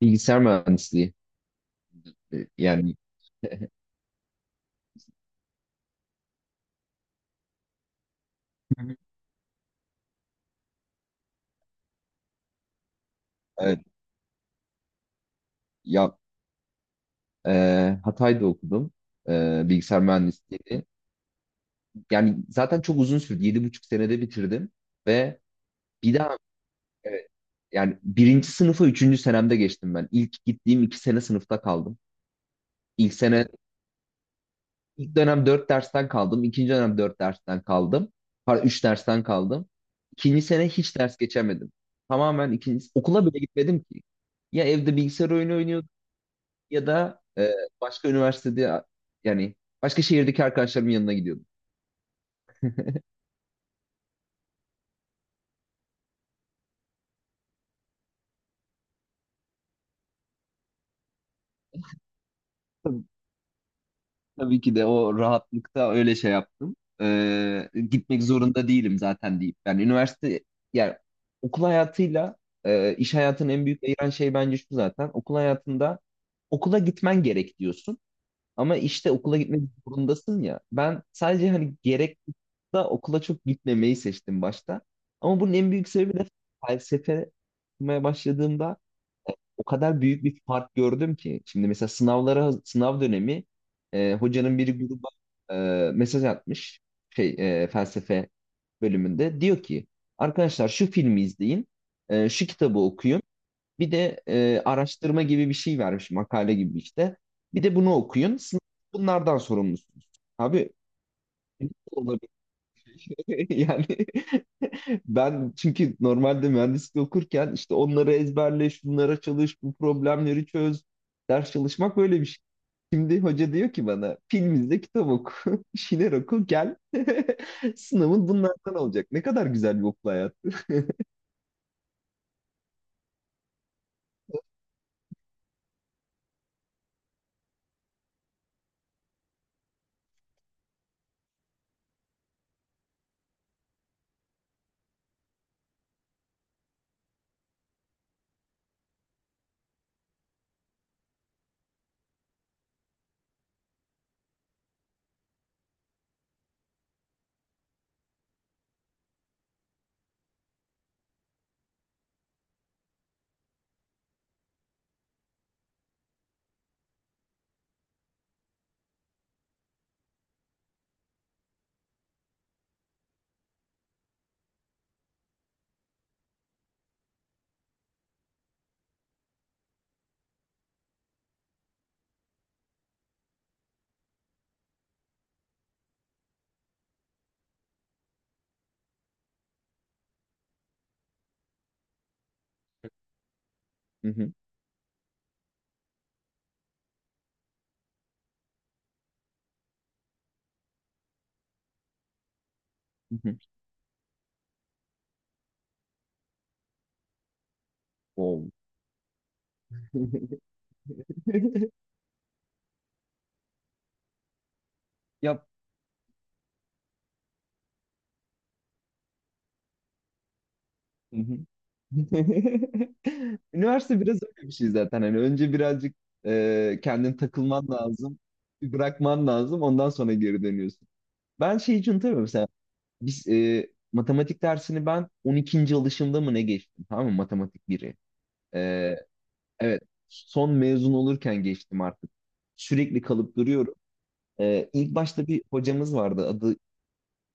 Bilgisayar mühendisliği. Yani. Hı hı. Evet. Ya, e, Hatay'da okudum, bilgisayar mühendisliğini. Yani zaten çok uzun sürdü. 7,5 senede bitirdim ve bir daha, evet, yani birinci sınıfa üçüncü senemde geçtim ben. İlk gittiğim iki sene sınıfta kaldım. İlk sene ilk dönem dört dersten kaldım. İkinci dönem dört dersten kaldım. Pardon, üç dersten kaldım. İkinci sene hiç ders geçemedim. Tamamen ikinci okula bile gitmedim ki. Ya evde bilgisayar oyunu ya da başka üniversitede, yani başka şehirdeki arkadaşlarımın yanına gidiyordum. Tabii, tabii ki de o rahatlıkta öyle şey yaptım. Gitmek zorunda değilim zaten deyip. Yani yani okul hayatıyla iş hayatının en büyük ayıran şey bence şu zaten. Okul hayatında okula gitmen gerek diyorsun. Ama işte okula gitmek zorundasın ya. Ben sadece hani gerek da okula çok gitmemeyi seçtim başta. Ama bunun en büyük sebebi de felsefe okumaya başladığımda o kadar büyük bir fark gördüm ki. Şimdi mesela sınav dönemi, hocanın biri gruba e, mesaj atmış, şey, felsefe bölümünde. Diyor ki arkadaşlar, şu filmi izleyin, şu kitabı okuyun. Bir de araştırma gibi bir şey vermiş, makale gibi işte. Bir de bunu okuyun. Sınav bunlardan sorumlusunuz. Abi ne olabilir? Yani ben çünkü normalde mühendislik okurken işte onları ezberle, şunlara çalış, bu problemleri çöz. Ders çalışmak böyle bir şey. Şimdi hoca diyor ki bana, film izle, kitap oku, bir şeyler oku, gel. Sınavın bunlardan olacak. Ne kadar güzel bir okul hayatı. Hı hı, hı hı. Oo. Yap. Hı hı. Üniversite biraz öyle bir şey zaten. Hani önce birazcık kendini takılman lazım, bir bırakman lazım. Ondan sonra geri dönüyorsun. Ben şeyi için. Matematik dersini ben 12. alışımda mı ne geçtim, tamam mı, matematik biri. E, evet, son mezun olurken geçtim artık. Sürekli kalıp duruyorum. İlk başta bir hocamız vardı, adı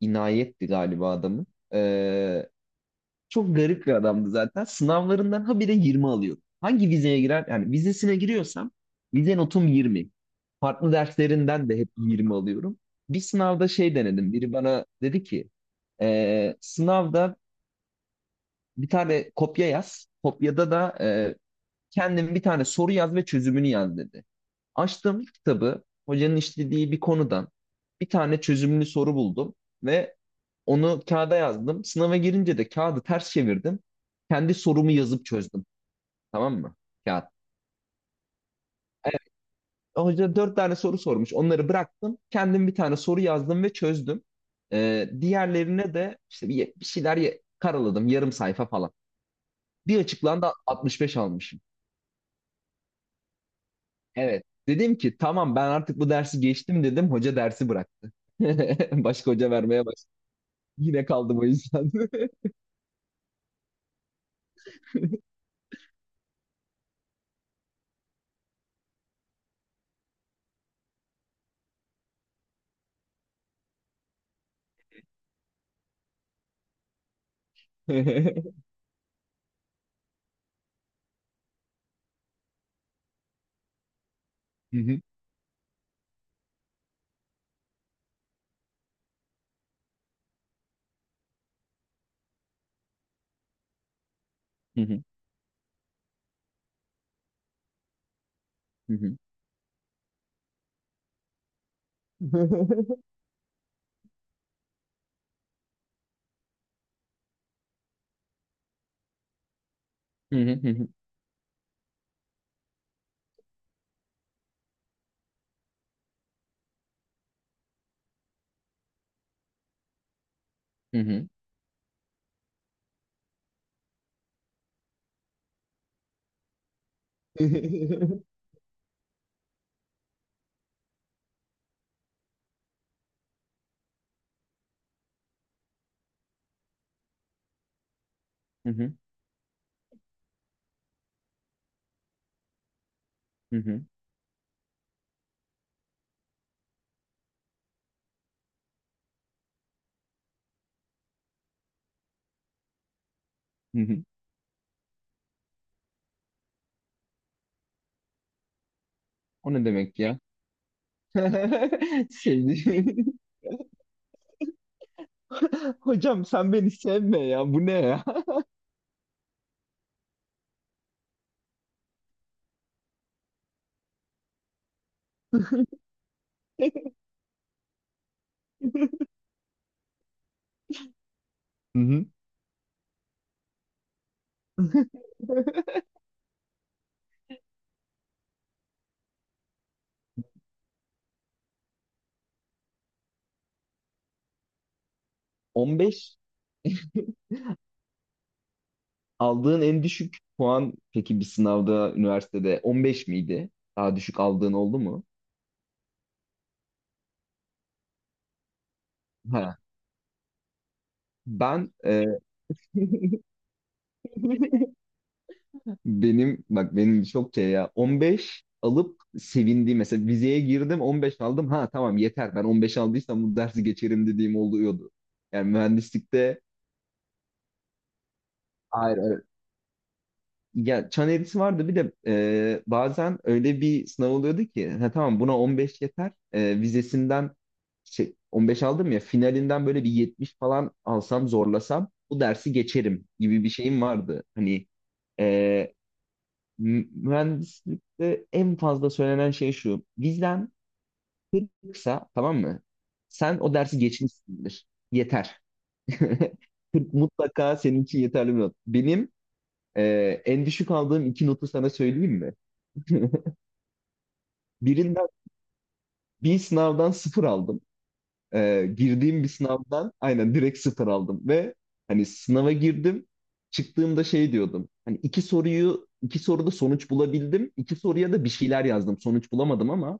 İnayet'ti galiba adamın. E, Çok garip bir adamdı zaten. Sınavlarından habire 20 alıyordu. Hangi vizeye girer, yani vizesine giriyorsam vize notum 20. Farklı derslerinden de hep 20 alıyorum. Bir sınavda şey denedim. Biri bana dedi ki sınavda bir tane kopya yaz. Kopyada da kendin bir tane soru yaz ve çözümünü yaz dedi. Açtım kitabı. Hocanın işlediği bir konudan bir tane çözümlü soru buldum ve onu kağıda yazdım. Sınava girince de kağıdı ters çevirdim. Kendi sorumu yazıp çözdüm. Tamam mı? Kağıt. Evet, hoca dört tane soru sormuş. Onları bıraktım. Kendim bir tane soru yazdım ve çözdüm. Diğerlerine de işte bir şeyler karaladım. Yarım sayfa falan. Bir açıklandı, 65 almış. Evet. Dedim ki tamam ben artık bu dersi geçtim dedim. Hoca dersi bıraktı. Başka hoca vermeye başladı. Yine kaldım o yüzden. Hı hı, hı hı, hı hı. Hı hı, hı hı, hı hı. Hı hı, hı hı, hı hı. O ne demek ya? Sevdiğim. Hocam, sen beni sevme ya. Bu ne ya? Hı hı. 15 aldığın en düşük puan, peki, bir sınavda üniversitede 15 miydi? Daha düşük aldığın oldu mu? Ha, ben e, benim, bak benim çok şey ya, 15 alıp sevindiğim, mesela vizeye girdim 15 aldım, ha tamam yeter, ben 15 aldıysam bu dersi geçerim dediğim oluyordu. Yani mühendislikte, hayır, hayır. Ya çan eğrisi vardı, bir de bazen öyle bir sınav oluyordu ki, ha tamam buna 15 yeter, vizesinden şey 15 aldım ya, finalinden böyle bir 70 falan alsam zorlasam bu dersi geçerim gibi bir şeyim vardı. Hani, e, mühendislikte en fazla söylenen şey şu. Bizden kısa, tamam mı? Sen o dersi geçmişsindir. Yeter. 40 mutlaka senin için yeterli bir not. Benim e, en düşük aldığım iki notu sana söyleyeyim mi? Birinden, bir sınavdan sıfır aldım. Girdiğim bir sınavdan aynen direkt sıfır aldım ve hani sınava girdim. Çıktığımda şey diyordum. Hani iki soruda sonuç bulabildim. İki soruya da bir şeyler yazdım. Sonuç bulamadım ama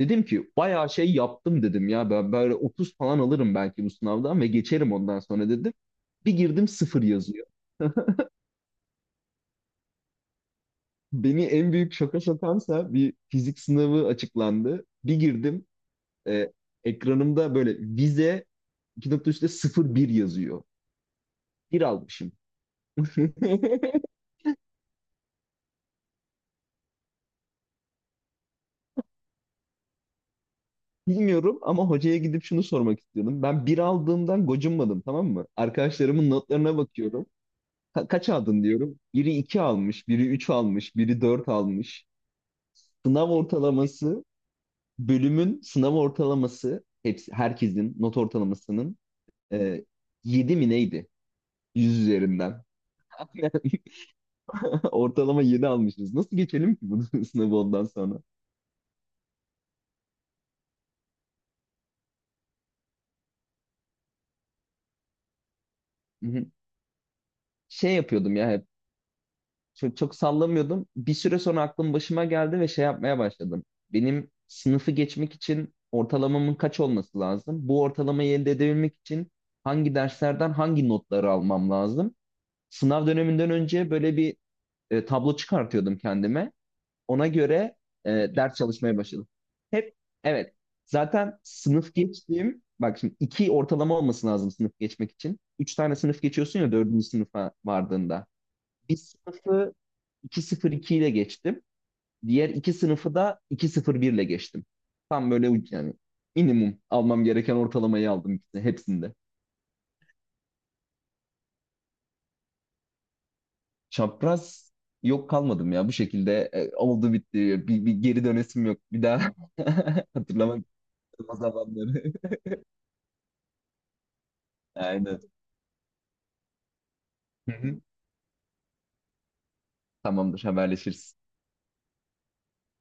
dedim ki bayağı şey yaptım dedim ya, ben böyle 30 falan alırım belki bu sınavdan ve geçerim ondan sonra dedim. Bir girdim, sıfır yazıyor. Beni en büyük şoka sokansa bir fizik sınavı açıklandı. Bir girdim, e, ekranımda böyle vize iki nokta üçte sıfır bir yazıyor. Bir almışım. Bilmiyorum ama hocaya gidip şunu sormak istiyordum. Ben bir aldığımdan gocunmadım, tamam mı? Arkadaşlarımın notlarına bakıyorum. Kaç aldın diyorum. Biri 2 almış, biri 3 almış, biri 4 almış. Sınav ortalaması, bölümün sınav ortalaması, hepsi, herkesin not ortalamasının e, 7 mi neydi? 100 üzerinden. Ortalama 7 almışız. Nasıl geçelim ki bunu? Sınavı ondan sonra? Hı hı. Şey yapıyordum ya hep. Çok, çok sallamıyordum. Bir süre sonra aklım başıma geldi ve şey yapmaya başladım. Benim sınıfı geçmek için ortalamamın kaç olması lazım? Bu ortalamayı elde edebilmek için hangi derslerden hangi notları almam lazım? Sınav döneminden önce böyle bir tablo çıkartıyordum kendime. Ona göre ders çalışmaya başladım. Hep evet. Zaten sınıf geçtiğim, bak şimdi iki ortalama olması lazım sınıf geçmek için. Üç tane sınıf geçiyorsun ya dördüncü sınıfa vardığında. Bir sınıfı 2,02 ile geçtim. Diğer iki sınıfı da 2,01 ile geçtim. Tam böyle yani minimum almam gereken ortalamayı aldım hepsinde. Çapraz yok, kalmadım ya bu şekilde, oldu bitti, bir geri dönesim yok bir daha hatırlamak istedim o zamanları. Aynen. Hı hı. Tamamdır, haberleşiriz.